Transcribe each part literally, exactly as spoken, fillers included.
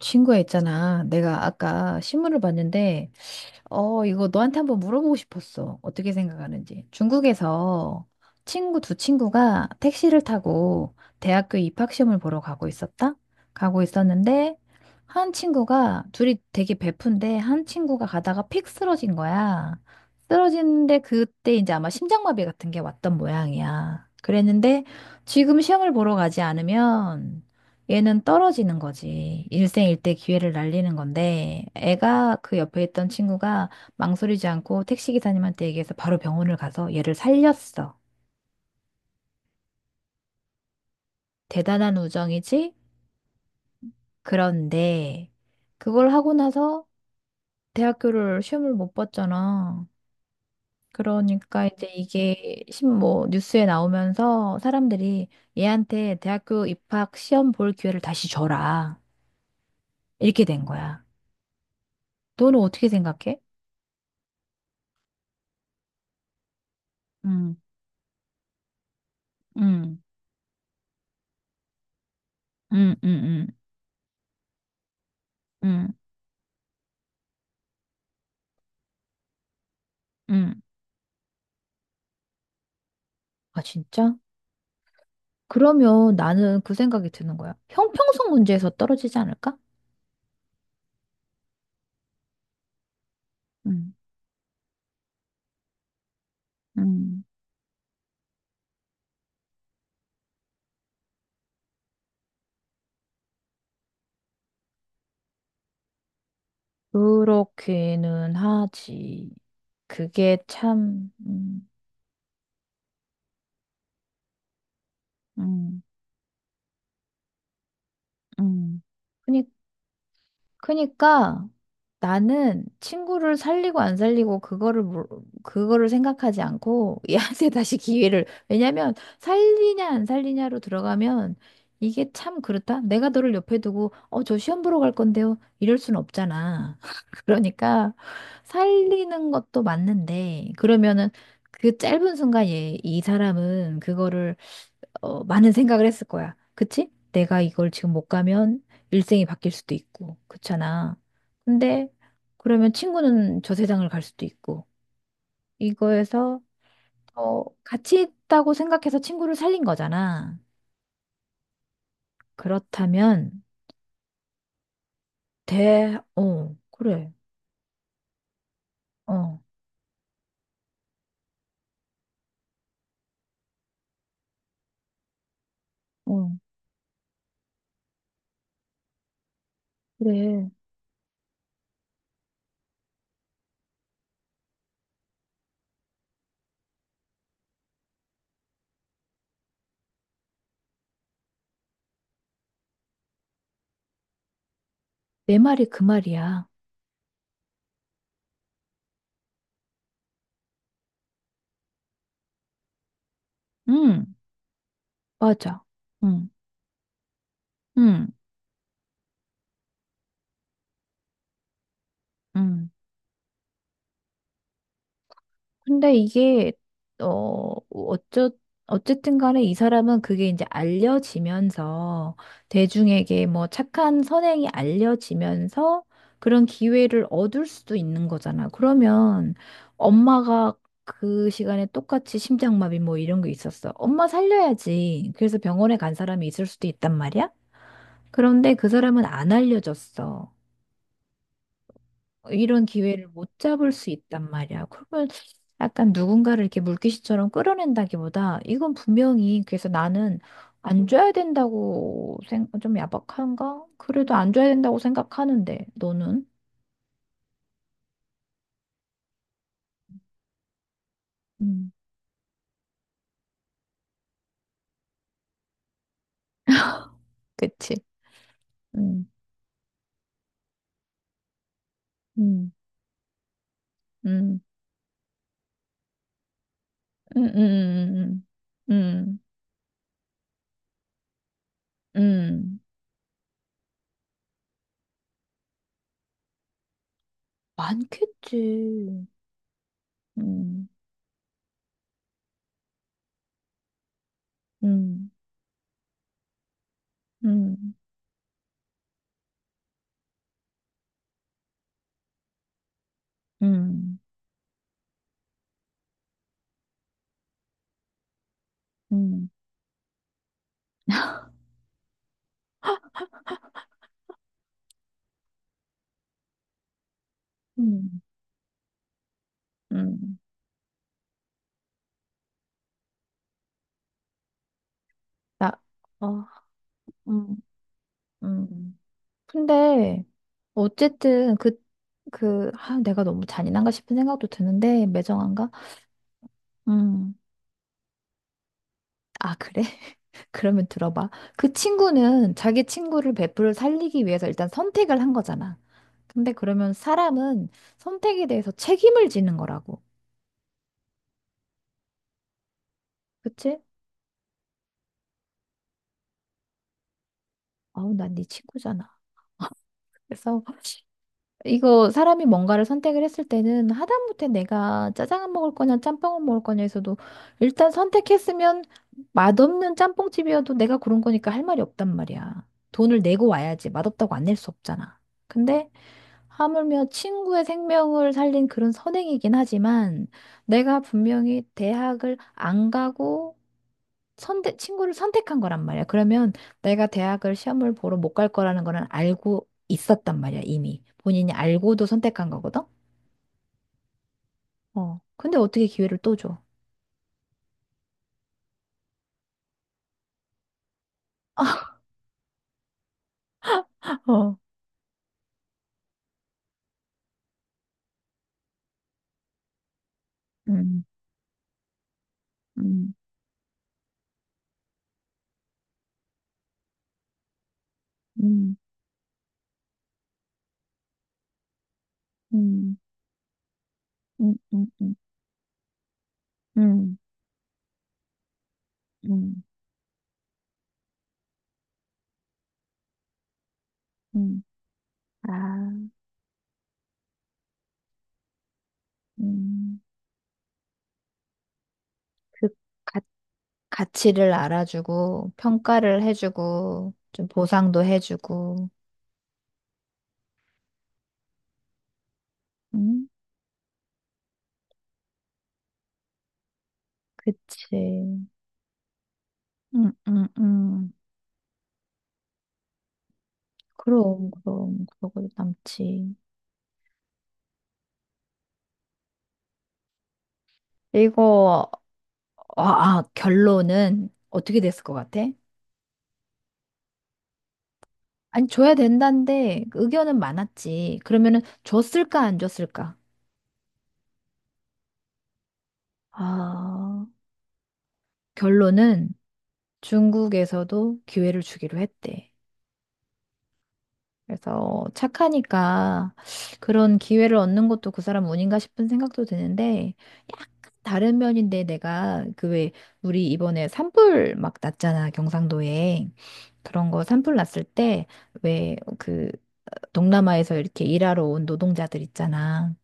친구야 있잖아. 내가 아까 신문을 봤는데, 어, 이거 너한테 한번 물어보고 싶었어. 어떻게 생각하는지. 중국에서 친구 두 친구가 택시를 타고 대학교 입학시험을 보러 가고 있었다? 가고 있었는데, 한 친구가, 둘이 되게 베푼데, 한 친구가 가다가 픽 쓰러진 거야. 쓰러지는데, 그때 이제 아마 심장마비 같은 게 왔던 모양이야. 그랬는데, 지금 시험을 보러 가지 않으면, 얘는 떨어지는 거지. 일생일대 기회를 날리는 건데, 애가 그 옆에 있던 친구가 망설이지 않고 택시기사님한테 얘기해서 바로 병원을 가서 얘를 살렸어. 대단한 우정이지? 그런데, 그걸 하고 나서 대학교를 시험을 못 봤잖아. 그러니까 이제 이게 신 뭐 뉴스에 나오면서 사람들이 얘한테 대학교 입학 시험 볼 기회를 다시 줘라. 이렇게 된 거야. 너는 어떻게 생각해? 음. 음. 음, 음, 음, 음, 음. 아, 진짜? 그러면 나는 그 생각이 드는 거야. 형평성 문제에서 떨어지지 않을까? 음, 음, 그렇기는 하지. 그게 참, 음, 음, 음. 그러니까 나는 친구를 살리고 안 살리고 그거를 물- 그거를 생각하지 않고 얘한테 다시 기회를 왜냐면 살리냐 안 살리냐로 들어가면 이게 참 그렇다. 내가 너를 옆에 두고 어, 저 시험 보러 갈 건데요. 이럴 순 없잖아. 그러니까 살리는 것도 맞는데 그러면은 그 짧은 순간 얘, 이 사람은 그거를 어, 많은 생각을 했을 거야. 그치? 내가 이걸 지금 못 가면 일생이 바뀔 수도 있고, 그렇잖아. 근데 그러면 친구는 저 세상을 갈 수도 있고, 이거에서 어, 같이 있다고 생각해서 친구를 살린 거잖아. 그렇다면 대, 어, 그래, 어, 어, 그래. 내 말이 그 말이야. 응, 맞아. 응, 응, 응. 근데 이게 어 어쩌 어쨌든 간에 이 사람은 그게 이제 알려지면서 대중에게 뭐 착한 선행이 알려지면서 그런 기회를 얻을 수도 있는 거잖아. 그러면 엄마가 그 시간에 똑같이 심장마비 뭐 이런 게 있었어. 엄마 살려야지. 그래서 병원에 간 사람이 있을 수도 있단 말이야. 그런데 그 사람은 안 알려졌어. 이런 기회를 못 잡을 수 있단 말이야. 그러면 약간 누군가를 이렇게 물귀신처럼 끌어낸다기보다 이건 분명히 그래서 나는 안 줘야 된다고 생좀 야박한가? 그래도 안 줘야 된다고 생각하는데 너는? 음, 그치? 음, 음, 음, 음, 음, 음, 음, 음, 음. 많겠지. 음, 음, 음, 음, 음, 음, 음. 나, 어, 음, 음. 근데 어쨌든 그, 그, 아, 내가 너무 잔인한가 싶은 생각도 드는데, 매정한가? 음, 아, 그래? 그러면 들어봐. 그 친구는 자기 친구를 베프를 살리기 위해서 일단 선택을 한 거잖아. 근데 그러면 사람은 선택에 대해서 책임을 지는 거라고. 그치? 아우, 난 네 친구잖아. 그래서 이거 사람이 뭔가를 선택을 했을 때는 하다못해 내가 짜장을 먹을 거냐 짬뽕을 먹을 거냐에서도 일단 선택했으면 맛없는 짬뽕집이어도 내가 고른 거니까 할 말이 없단 말이야. 돈을 내고 와야지 맛없다고 안 낼 수 없잖아. 근데 하물며 친구의 생명을 살린 그런 선행이긴 하지만 내가 분명히 대학을 안 가고 선택, 친구를 선택한 거란 말이야. 그러면 내가 대학을 시험을 보러 못 갈 거라는 거는 알고 있었단 말이야, 이미. 본인이 알고도 선택한 거거든? 어. 근데 어떻게 기회를 또 줘? 어. 음, 음, 음, 음, 음, 음, 음, 음, 음. 음. 아, 음, 그 가, 가치를 알아주고, 평가를 해주고, 좀 보상도 해주고. 음, 그치. 음, 음, 음. 그럼, 그럼, 그러고 남지. 이거, 아, 아, 결론은 어떻게 됐을 것 같아? 아니, 줘야 된다는데 의견은 많았지. 그러면은 줬을까, 안 줬을까? 아, 결론은 중국에서도 기회를 주기로 했대. 그래서 착하니까 그런 기회를 얻는 것도 그 사람 운인가 싶은 생각도 드는데 약간 다른 면인데 내가 그 왜 우리 이번에 산불 막 났잖아 경상도에 그런 거 산불 났을 때 왜 그 동남아에서 이렇게 일하러 온 노동자들 있잖아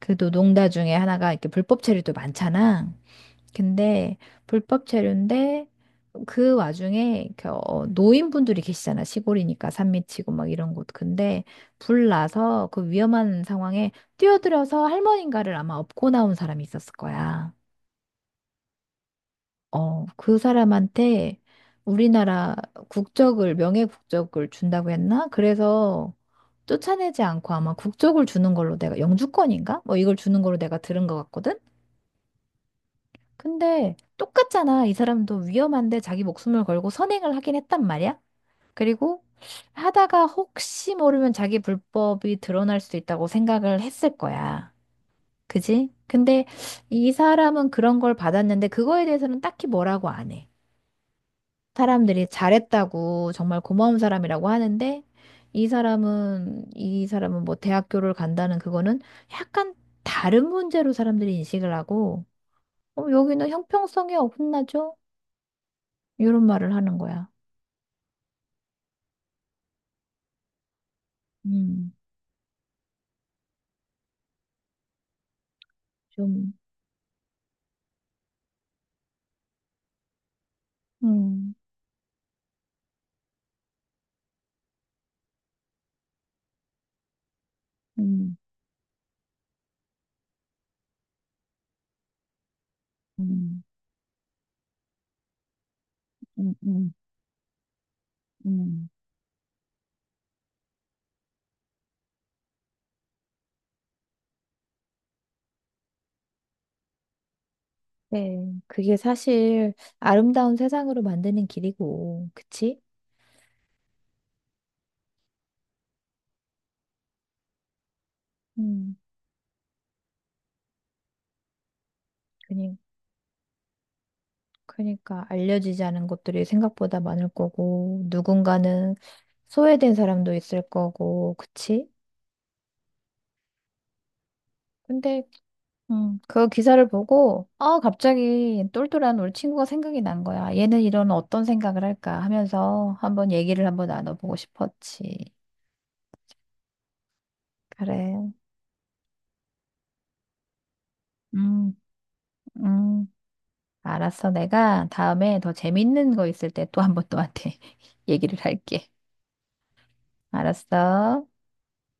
그 노동자 중에 하나가 이렇게 불법 체류도 많잖아 근데 불법 체류인데 그 와중에 그, 어, 노인분들이 계시잖아. 시골이니까 산 밑이고 막 이런 곳. 근데 불 나서 그 위험한 상황에 뛰어들어서 할머니인가를 아마 업고 나온 사람이 있었을 거야. 어, 그 사람한테 우리나라 국적을, 명예 국적을 준다고 했나? 그래서 쫓아내지 않고 아마 국적을 주는 걸로 내가 영주권인가? 뭐 이걸 주는 걸로 내가 들은 것 같거든? 근데 똑같잖아. 이 사람도 위험한데 자기 목숨을 걸고 선행을 하긴 했단 말이야. 그리고 하다가 혹시 모르면 자기 불법이 드러날 수도 있다고 생각을 했을 거야. 그지? 근데 이 사람은 그런 걸 받았는데 그거에 대해서는 딱히 뭐라고 안 해. 사람들이 잘했다고 정말 고마운 사람이라고 하는데 이 사람은 이 사람은 뭐 대학교를 간다는 그거는 약간 다른 문제로 사람들이 인식을 하고 어, 여기는 형평성이 어긋나죠? 이런 말을 하는 거야. 음, 좀, 음, 음, 음, 음, 음, 음. 네. 그게 사실 아름다운 세상으로 만드는 길이고, 그치? 음. 그니, 그러니까 알려지지 않은 것들이 생각보다 많을 거고, 누군가는 소외된 사람도 있을 거고, 그치? 근데 음, 그 기사를 보고, 아, 갑자기 똘똘한 우리 친구가 생각이 난 거야. 얘는 이런 어떤 생각을 할까 하면서 한번 얘기를 한번 나눠보고 싶었지. 그래. 음, 음. 알았어. 내가 다음에 더 재밌는 거 있을 때 또 한번 너한테 얘기를 할게. 알았어.